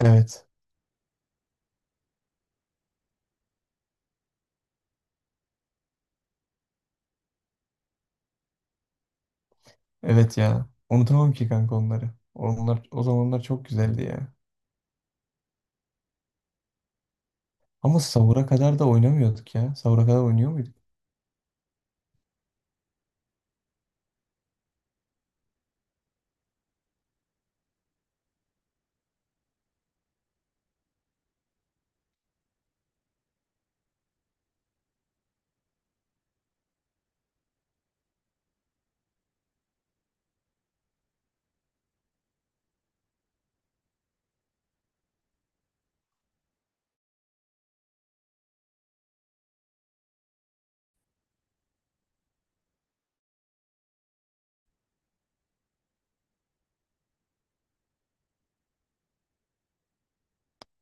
Evet. Evet ya. Unutamam ki kanka onları. Onlar o zamanlar çok güzeldi ya. Ama sahura kadar da oynamıyorduk ya. Sahura kadar oynuyor muyduk?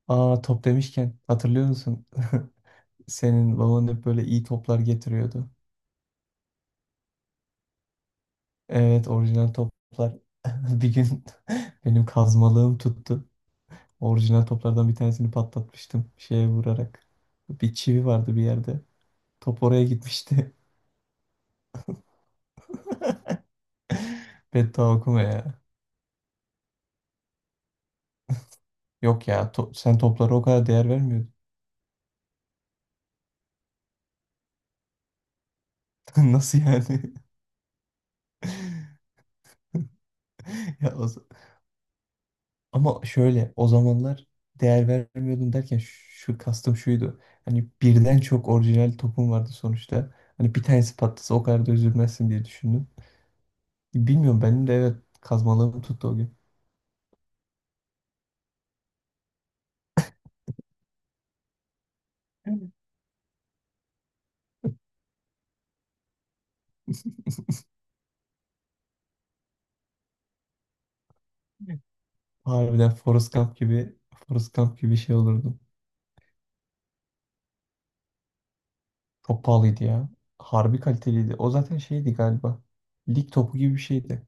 Aa top demişken hatırlıyor musun? Senin baban hep böyle iyi toplar getiriyordu. Evet orijinal toplar. Bir gün benim kazmalığım tuttu. Orijinal toplardan bir tanesini patlatmıştım şeye vurarak. Bir çivi vardı bir yerde. Top oraya gitmişti. Beddua okuma ya. Yok ya sen toplara o kadar değer vermiyordun. Nasıl yani? Ya ama şöyle o zamanlar değer vermiyordum derken şu kastım şuydu. Hani birden çok orijinal topum vardı sonuçta. Hani bir tanesi patlasa o kadar da üzülmezsin diye düşündüm. Bilmiyorum benim de evet kazmalığım tuttu o gün. Harbiden Forrest Gump gibi Forrest Gump gibi şey olurdu. Çok pahalıydı ya. Harbi kaliteliydi. O zaten şeydi galiba. Lig topu gibi bir şeydi.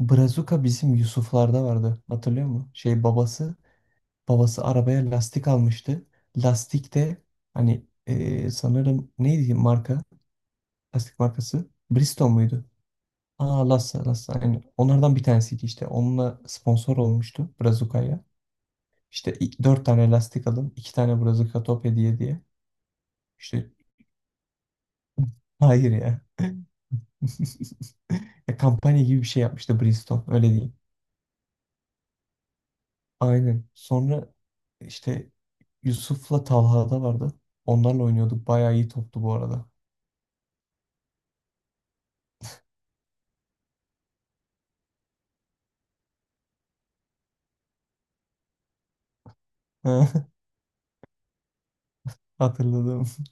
Brazuka bizim Yusuflarda vardı. Hatırlıyor musun? Şey babası babası arabaya lastik almıştı. Lastik de hani sanırım neydi marka? Lastik markası. Bridgestone muydu? Aa Lassa Lassa aynen. Onlardan bir tanesiydi işte. Onunla sponsor olmuştu Brazuka'ya. İşte 4 tane lastik alın. 2 tane Brazuka top hediye diye. İşte hayır ya. Ya kampanya gibi bir şey yapmıştı Bridgestone. Öyle diyeyim. Aynen. Sonra işte Yusuf'la Talha'da vardı. Onlarla oynuyorduk. Bayağı iyi toptu bu arada. Hatırladım.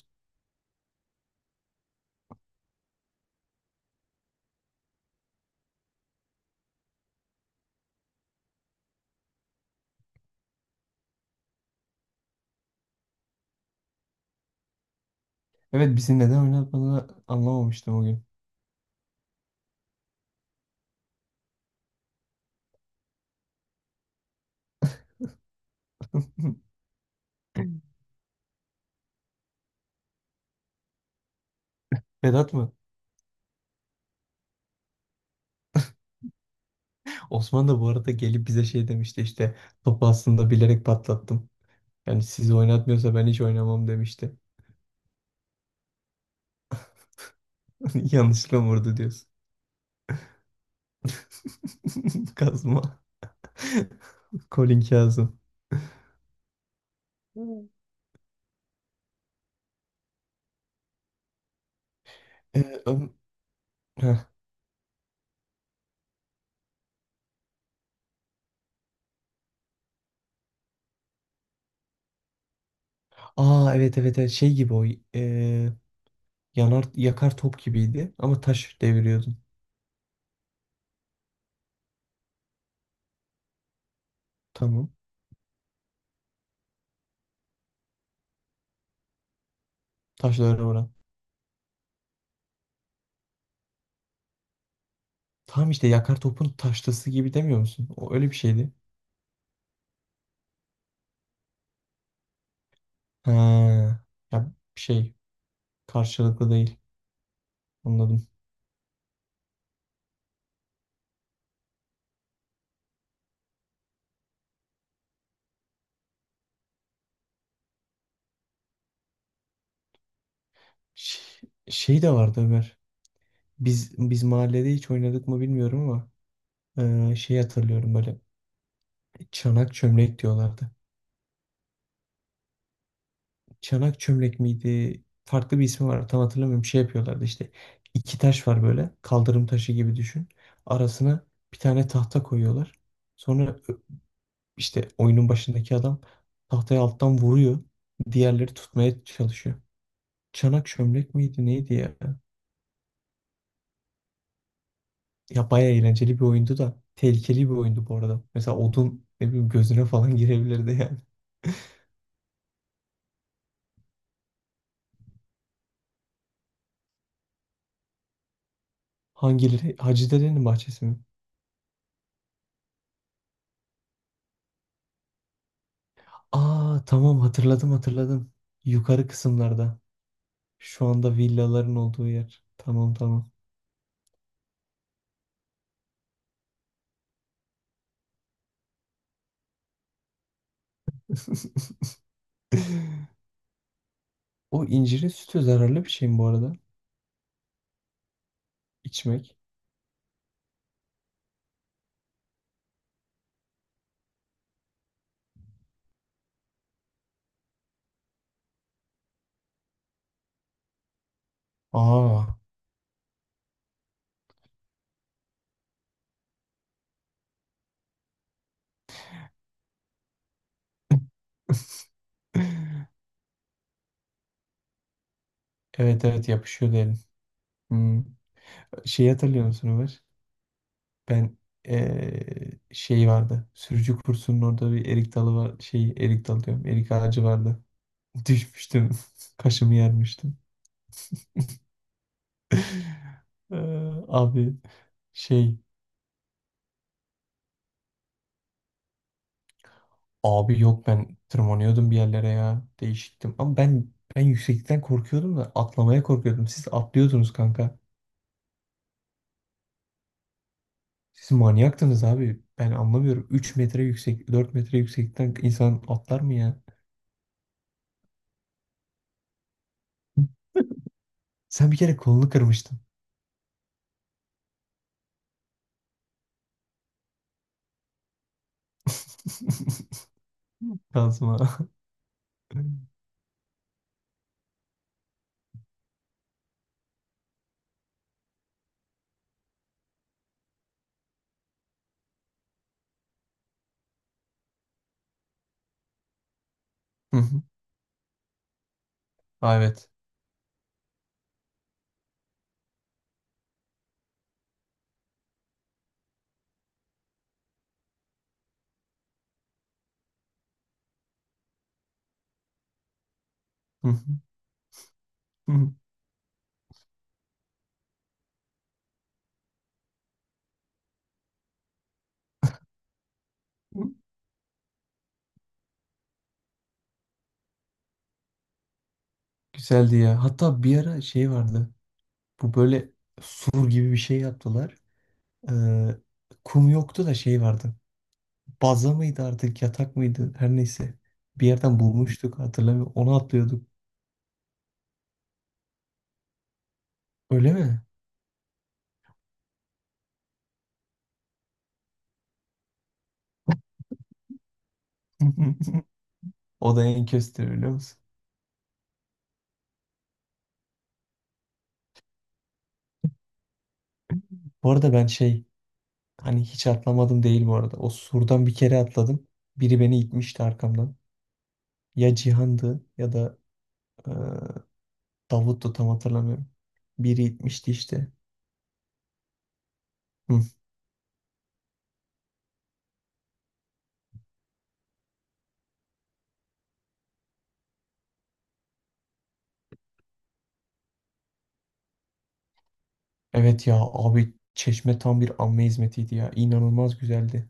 Evet bizi neden oynatmadığını anlamamıştım o gün. Vedat mı? Osman da bu arada gelip bize şey demişti işte topu aslında bilerek patlattım. Yani sizi oynatmıyorsa ben hiç oynamam demişti. Yanlışlıkla vurdu diyorsun. Kazma. Colin Kazım. Ee, ön- Heh. Aa evet evet evet şey gibi o e, yanar yakar top gibiydi ama taş deviriyordun. Tamam. Taşlara vuran. Tamam işte yakar topun taşlısı gibi demiyor musun? O öyle bir şeydi. Ha, ya şey karşılıklı değil. Anladım. Şey, şey de vardı Ömer. Biz mahallede hiç oynadık mı bilmiyorum ama şey hatırlıyorum böyle çanak çömlek diyorlardı. Çanak çömlek miydi? Farklı bir ismi var tam hatırlamıyorum. Şey yapıyorlardı işte iki taş var böyle kaldırım taşı gibi düşün. Arasına bir tane tahta koyuyorlar. Sonra işte oyunun başındaki adam tahtayı alttan vuruyor. Diğerleri tutmaya çalışıyor. Çanak çömlek miydi neydi ya? Ya bayağı eğlenceli bir oyundu da tehlikeli bir oyundu bu arada. Mesela odun ne bileyim gözüne falan girebilirdi yani. Hangileri? Hacı Dede'nin bahçesi mi? Aa tamam hatırladım hatırladım. Yukarı kısımlarda. Şu anda villaların olduğu yer. Tamam tamam. O incirin sütü zararlı bir şey mi bu arada? İçmek. Aa evet evet yapışıyordu elin. Hmm. Şeyi hatırlıyor musun Ömer? Ben şey vardı. Sürücü kursunun orada bir erik dalı var. Şey erik dalı diyorum. Erik ağacı vardı. Düşmüştüm. Kaşımı yermiştim. Abi şey abi yok ben tırmanıyordum bir yerlere ya. Değişiktim. Ama ben yükseklikten korkuyordum da atlamaya korkuyordum. Siz atlıyordunuz kanka. Siz manyaktınız abi. Ben anlamıyorum. 3 metre yüksek, 4 metre yükseklikten insan atlar mı ya? Sen bir kere kolunu kırmıştın. Kazma. Hı hı. Aa, evet. Hı hı. Hı hı. Güzeldi ya. Hatta bir ara şey vardı. Bu böyle sur gibi bir şey yaptılar. Ee, kum yoktu da şey vardı. Baza mıydı artık yatak mıydı? Her neyse. Bir yerden bulmuştuk hatırlamıyorum. Onu atlıyorduk. Öyle mi? O da en köstü biliyor musun? Bu arada ben şey hani hiç atlamadım değil bu arada. O surdan bir kere atladım. Biri beni itmişti arkamdan. Ya Cihan'dı ya da Davut'tu tam hatırlamıyorum. Biri gitmişti işte. Hı. Evet ya abi Çeşme tam bir amme hizmetiydi ya. İnanılmaz güzeldi.